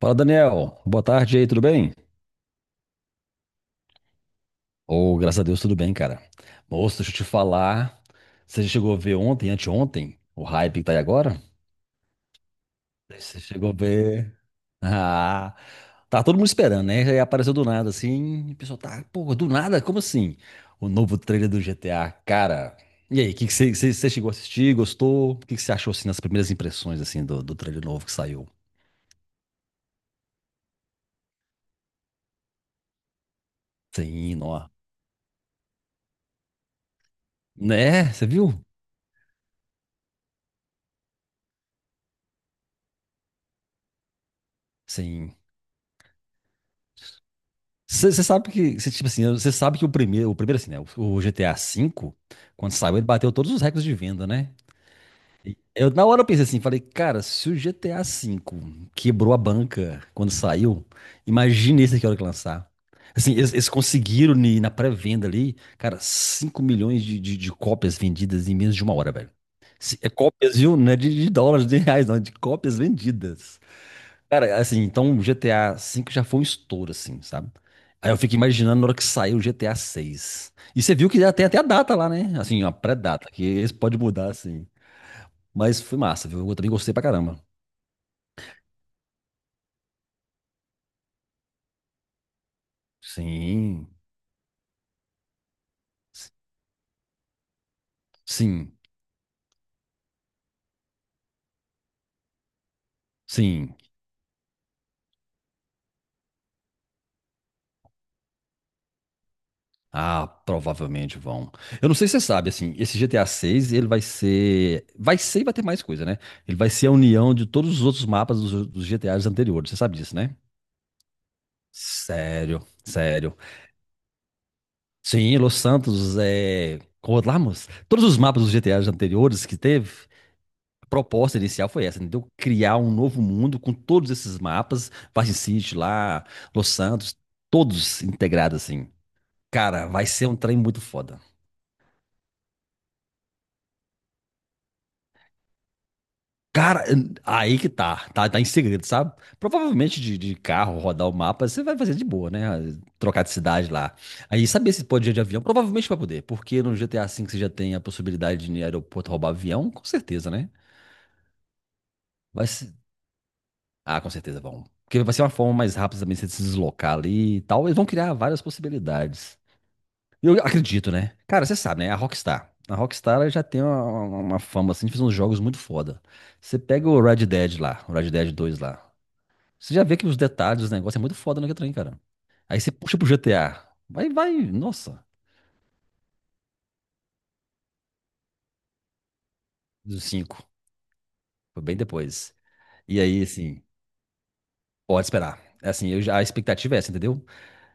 Fala, Daniel. Boa tarde aí, tudo bem? Ô, graças a Deus, tudo bem, cara. Moço, deixa eu te falar. Você já chegou a ver ontem, anteontem, o hype que tá aí agora? Você chegou a ver. Ah, tá todo mundo esperando, né? Aí apareceu do nada, assim, e o pessoal tá, pô, do nada? Como assim? O novo trailer do GTA, cara. E aí, o que que você chegou a assistir? Gostou? O que que você achou, assim, nas primeiras impressões, assim, do trailer novo que saiu? Sim, ó. Né? Você viu? Sim. Você sabe que, cê, tipo assim, você sabe que o primeiro assim, né, o GTA V, quando saiu, ele bateu todos os recordes de venda, né? E eu, na hora eu pensei assim, falei, cara, se o GTA V quebrou a banca quando saiu, imagina esse aqui a hora que lançar. Assim, eles conseguiram na pré-venda ali, cara, 5 milhões de cópias vendidas em menos de uma hora, velho. É cópias, viu? Não é de dólares, de reais, não, é de cópias vendidas. Cara, assim, então o GTA V já foi um estouro, assim, sabe? Aí eu fico imaginando na hora que saiu o GTA VI. E você viu que já tem até a data lá, né? Assim, a pré-data, que esse pode mudar, assim. Mas foi massa, viu? Eu também gostei pra caramba. Sim, sim, sim. Ah, provavelmente vão. Eu não sei se você sabe, assim, esse GTA VI, ele vai ser e vai ter mais coisa, né? Ele vai ser a união de todos os outros mapas dos GTAs anteriores. Você sabe disso, né? Sério, sério. Sim, Los Santos, é, como lá, moço? Todos os mapas dos GTAs anteriores que teve, a proposta inicial foi essa, entendeu? Criar um novo mundo com todos esses mapas, Vice City lá, Los Santos, todos integrados assim. Cara, vai ser um trem muito foda. Cara, aí que tá em segredo, sabe? Provavelmente de carro, rodar o mapa, você vai fazer de boa, né? Trocar de cidade lá. Aí, saber se pode ir de avião? Provavelmente vai poder, porque no GTA V você já tem a possibilidade de ir no aeroporto roubar avião, com certeza, né? Vai ser... Ah, com certeza vão. Porque vai ser uma forma mais rápida também de você se deslocar ali e tal. Eles vão criar várias possibilidades. Eu acredito, né? Cara, você sabe, né? A Rockstar. A Rockstar ela já tem uma fama assim de fazer uns jogos muito foda. Você pega o Red Dead lá, o Red Dead 2 lá. Você já vê que os detalhes dos negócios é muito foda no trem, cara. Aí você puxa pro GTA. Vai, nossa, do cinco. Foi bem depois. E aí, assim, pode esperar. É, assim, a expectativa é essa, entendeu?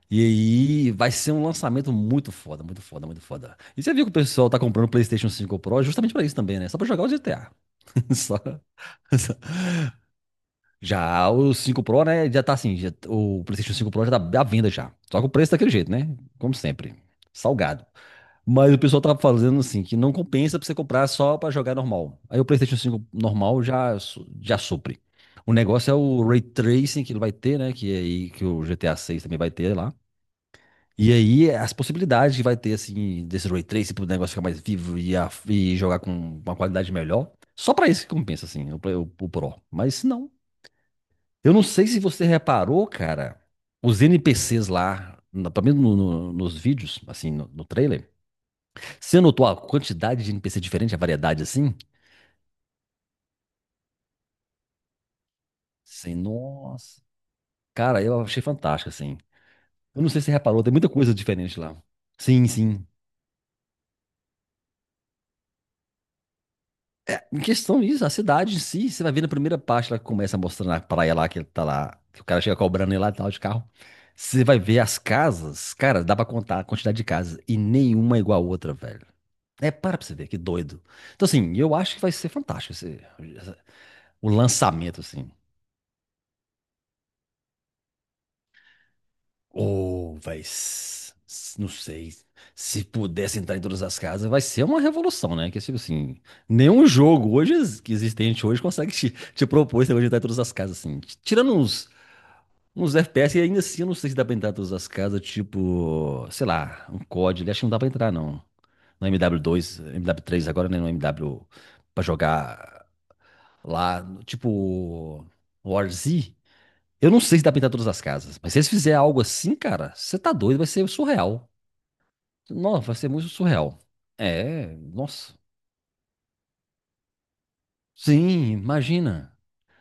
E aí vai ser um lançamento muito foda, muito foda, muito foda. E você viu que o pessoal tá comprando o PlayStation Cinco Pro justamente pra isso também, né? Só pra jogar o GTA. Só- só- Já o Cinco Pro, né? Já tá assim, o PlayStation Cinco Pro já tá à venda já. Só que o preço tá daquele jeito, né? Como sempre, salgado. Mas o pessoal tá fazendo assim, que não compensa pra você comprar só pra jogar normal. Aí o PlayStation 5 normal já, já supre. O negócio é o Ray Tracing que ele vai ter, né? Que é aí que o GTA seis também vai ter lá. E aí, as possibilidades que vai ter, assim, desse Ray Tracing pro negócio ficar mais vivo e, e jogar com uma qualidade melhor, só pra isso que compensa, assim, o Pro. Mas se não. Eu não sei se você reparou, cara, os NPCs lá, pelo menos nos vídeos, assim, no trailer, você notou a quantidade de NPC diferente, a variedade, assim? Sim, nossa. Cara, eu achei fantástico, assim. Eu não sei se você reparou, tem muita coisa diferente lá. Sim, sim. Em questão disso, a cidade em si, você vai ver na primeira parte, ela começa mostrando a praia lá, que ele tá lá, que o cara chega cobrando ele lá e tal de carro. Você vai ver as casas, cara, dá pra contar a quantidade de casas, e nenhuma é igual a outra, velho. É, para pra você ver, que doido. Então, assim, eu acho que vai ser fantástico essa- o lançamento, assim. Ou vai. Não sei. Se pudesse entrar em todas as casas, vai ser uma revolução, né? Que é tipo assim, nenhum jogo hoje que existente hoje consegue te propor esse negócio de entrar em todas as casas, assim. Tirando uns FPS, e ainda assim eu não sei se dá pra entrar em todas as casas, tipo, sei lá, um COD, acho que não dá pra entrar, não. No MW2, MW3, agora, né? No MW pra jogar lá, tipo, War Z. Eu não sei se dá pra pintar todas as casas, mas se eles fizerem algo assim, cara, você tá doido, vai ser surreal. Nossa, vai ser muito surreal. É, nossa. Sim, imagina.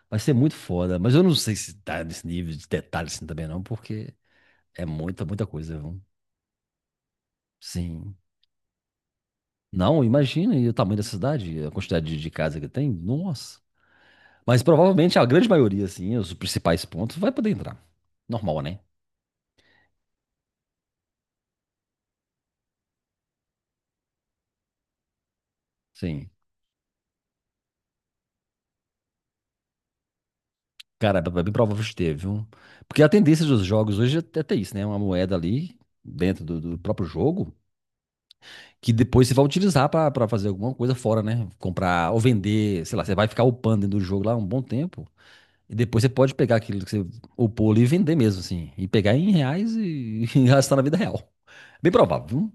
Vai ser muito foda, mas eu não sei se tá nesse nível de detalhe assim também não, porque é muita, muita coisa, viu? Sim. Não, imagina e o tamanho da cidade, a quantidade de casa que tem, nossa. Mas provavelmente a grande maioria, assim, os principais pontos, vai poder entrar. Normal, né? Sim. Cara, é bem provável que esteve, viu? Porque a tendência dos jogos hoje é até isso, né? Uma moeda ali dentro do próprio jogo que depois você vai utilizar pra fazer alguma coisa fora, né? Comprar ou vender, sei lá, você vai ficar upando dentro do jogo lá um bom tempo e depois você pode pegar aquilo que você upou ali e vender mesmo, assim, e pegar em reais e, e gastar na vida real. Bem provável, viu?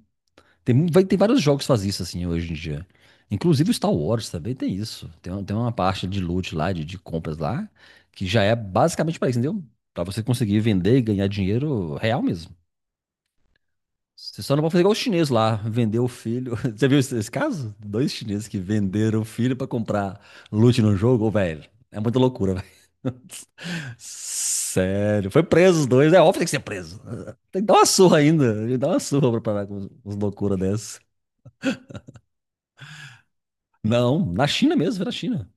Tem vários jogos que fazem isso assim hoje em dia. Inclusive o Star Wars também tem isso. Tem uma parte de loot lá, de compras lá, que já é basicamente para isso, entendeu? Para você conseguir vender e ganhar dinheiro real mesmo. Você só não pode fazer igual os chineses lá, vender o filho. Você viu esse caso? Dois chineses que venderam o filho para comprar loot no jogo, ô, velho. É muita loucura, velho. Sério, foi preso os dois. É óbvio que tem que ser preso. Tem que dar uma surra ainda. Tem que dar uma surra pra parar com com as loucuras dessas. Não, na China mesmo, foi na China.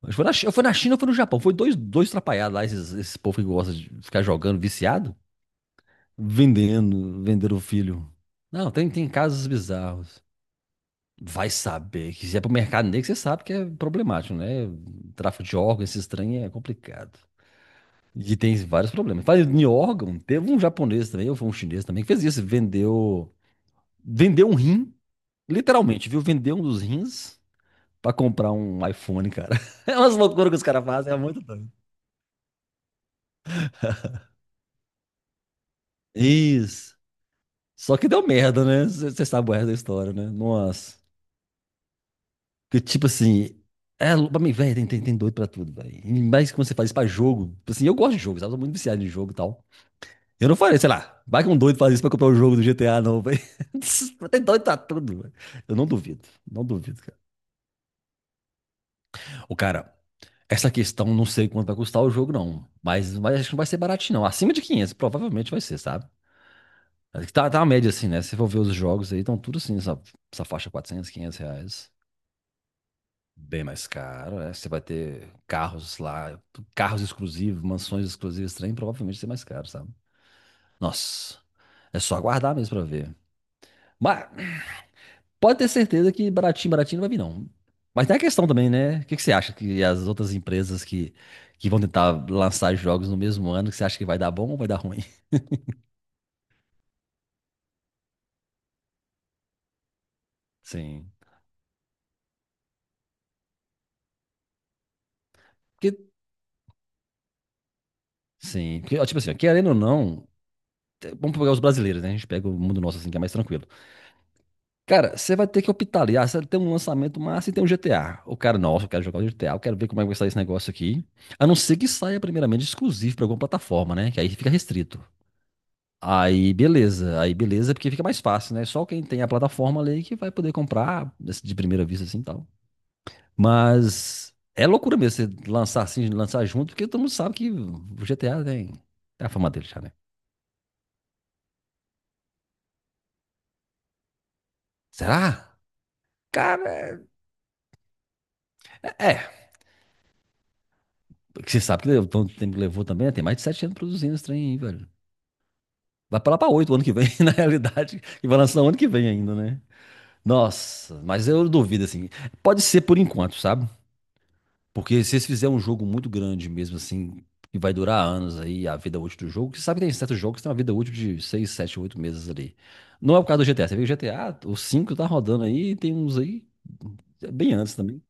Mas foi na China ou foi no Japão? Foi dois atrapalhados lá, esse povo que gosta de ficar jogando, viciado, vendendo o filho. Não, tem casos bizarros. Vai saber que se é pro mercado negro, você sabe que é problemático, né? Tráfico de órgãos, esse estranho é complicado. E tem vários problemas. Falando em órgão, teve um japonês também, ou foi um chinês também, que fez isso, vendeu um rim, literalmente, viu? Vendeu um dos rins pra comprar um iPhone, cara. É umas loucuras que os caras fazem, é muito doido. Isso. Só que deu merda, né? Você sabe o resto da história, né? Nossa. Porque, tipo assim, é, pra mim, velho, tem doido pra tudo, velho. E mais quando você faz isso pra jogo. Tipo assim, eu gosto de jogo, sabe? Eu sou muito viciado em jogo e tal. Eu não falei, sei lá, vai que um doido faz isso pra comprar o jogo do GTA, não, velho. Tem doido pra tudo, velho. Eu não duvido, não duvido, cara. O cara, essa questão, não sei quanto vai custar o jogo, não. Mas acho que não vai ser baratinho, não. Acima de 500, provavelmente vai ser, sabe? Tá, tá a média, assim, né? Se você for ver os jogos aí, estão tudo assim, essa faixa 400, 500 reais. Bem mais caro, né? Você vai ter carros lá, carros exclusivos, mansões exclusivas, trem, provavelmente vai ser mais caro, sabe? Nossa, é só aguardar mesmo pra ver. Mas pode ter certeza que baratinho, baratinho não vai vir, não. Mas tem a questão também, né? O que que você acha que as outras empresas que vão tentar lançar jogos no mesmo ano, que você acha que vai dar bom ou vai dar ruim? Sim. Porque, sim. Porque, ó, tipo assim, ó, querendo ou não, vamos pegar os brasileiros, né? A gente pega o mundo nosso assim, que é mais tranquilo. Cara, você vai ter que optar ali. Ah, você tem um lançamento massa e tem um GTA. O cara, nossa, eu quero jogar o GTA, eu quero ver como é que vai sair esse negócio aqui. A não ser que saia primeiramente exclusivo pra alguma plataforma, né? Que aí fica restrito. Aí beleza, é porque fica mais fácil, né? Só quem tem a plataforma ali que vai poder comprar de primeira vista assim e tal. Mas é loucura mesmo você lançar assim, lançar junto, porque todo mundo sabe que o GTA tem a fama dele já, né? Será? Cara, é, porque você sabe que levou, tanto tempo que levou também, né? Tem mais de 7 anos produzindo esse trem aí, velho. Vai pra lá pra oito ano que vem, na realidade. E vai lançar o ano que vem ainda, né? Nossa, mas eu duvido, assim. Pode ser por enquanto, sabe? Porque se eles fizerem um jogo muito grande mesmo, assim, que vai durar anos aí, a vida útil do jogo, que sabe que tem certos jogos que tem uma vida útil de 6, 7, 8 meses ali. Não é o caso do GTA. Você vê que o GTA, o cinco tá rodando aí, e tem uns aí bem antes também.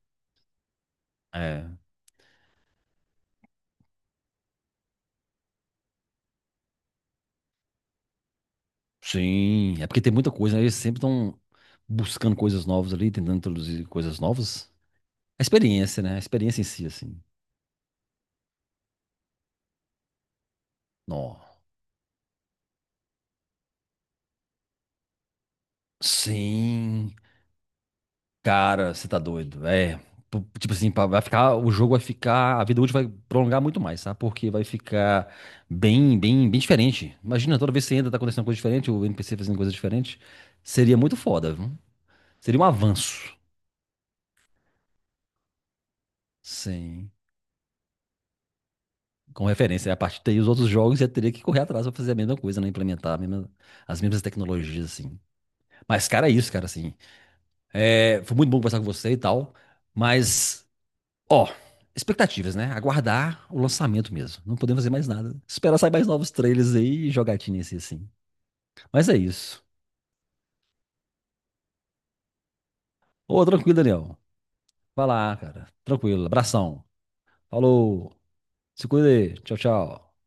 É. Sim, é porque tem muita coisa, né? Eles sempre estão buscando coisas novas ali, tentando introduzir coisas novas. A experiência, né? A experiência em si, assim. Nó. Sim, cara, você tá doido. É, tipo assim, pá, o jogo vai ficar, a vida útil vai prolongar muito mais, sabe? Porque vai ficar bem, bem, bem diferente. Imagina, toda vez que você entra, tá acontecendo coisa diferente, o NPC fazendo coisa diferente. Seria muito foda, viu? Seria um avanço. Sim. Com referência. A partir daí, os outros jogos já teria que correr atrás para fazer a mesma coisa, né? Implementar as mesmas tecnologias, assim. Mas, cara, é isso, cara, assim. É, foi muito bom conversar com você e tal. Mas, ó, expectativas, né? Aguardar o lançamento mesmo. Não podemos fazer mais nada. Esperar sair mais novos trailers aí e jogatinhas assim. Mas é isso. Ô, tranquilo, Daniel. Vai lá, cara. Tranquilo. Abração. Falou. Se cuida aí. Tchau, tchau.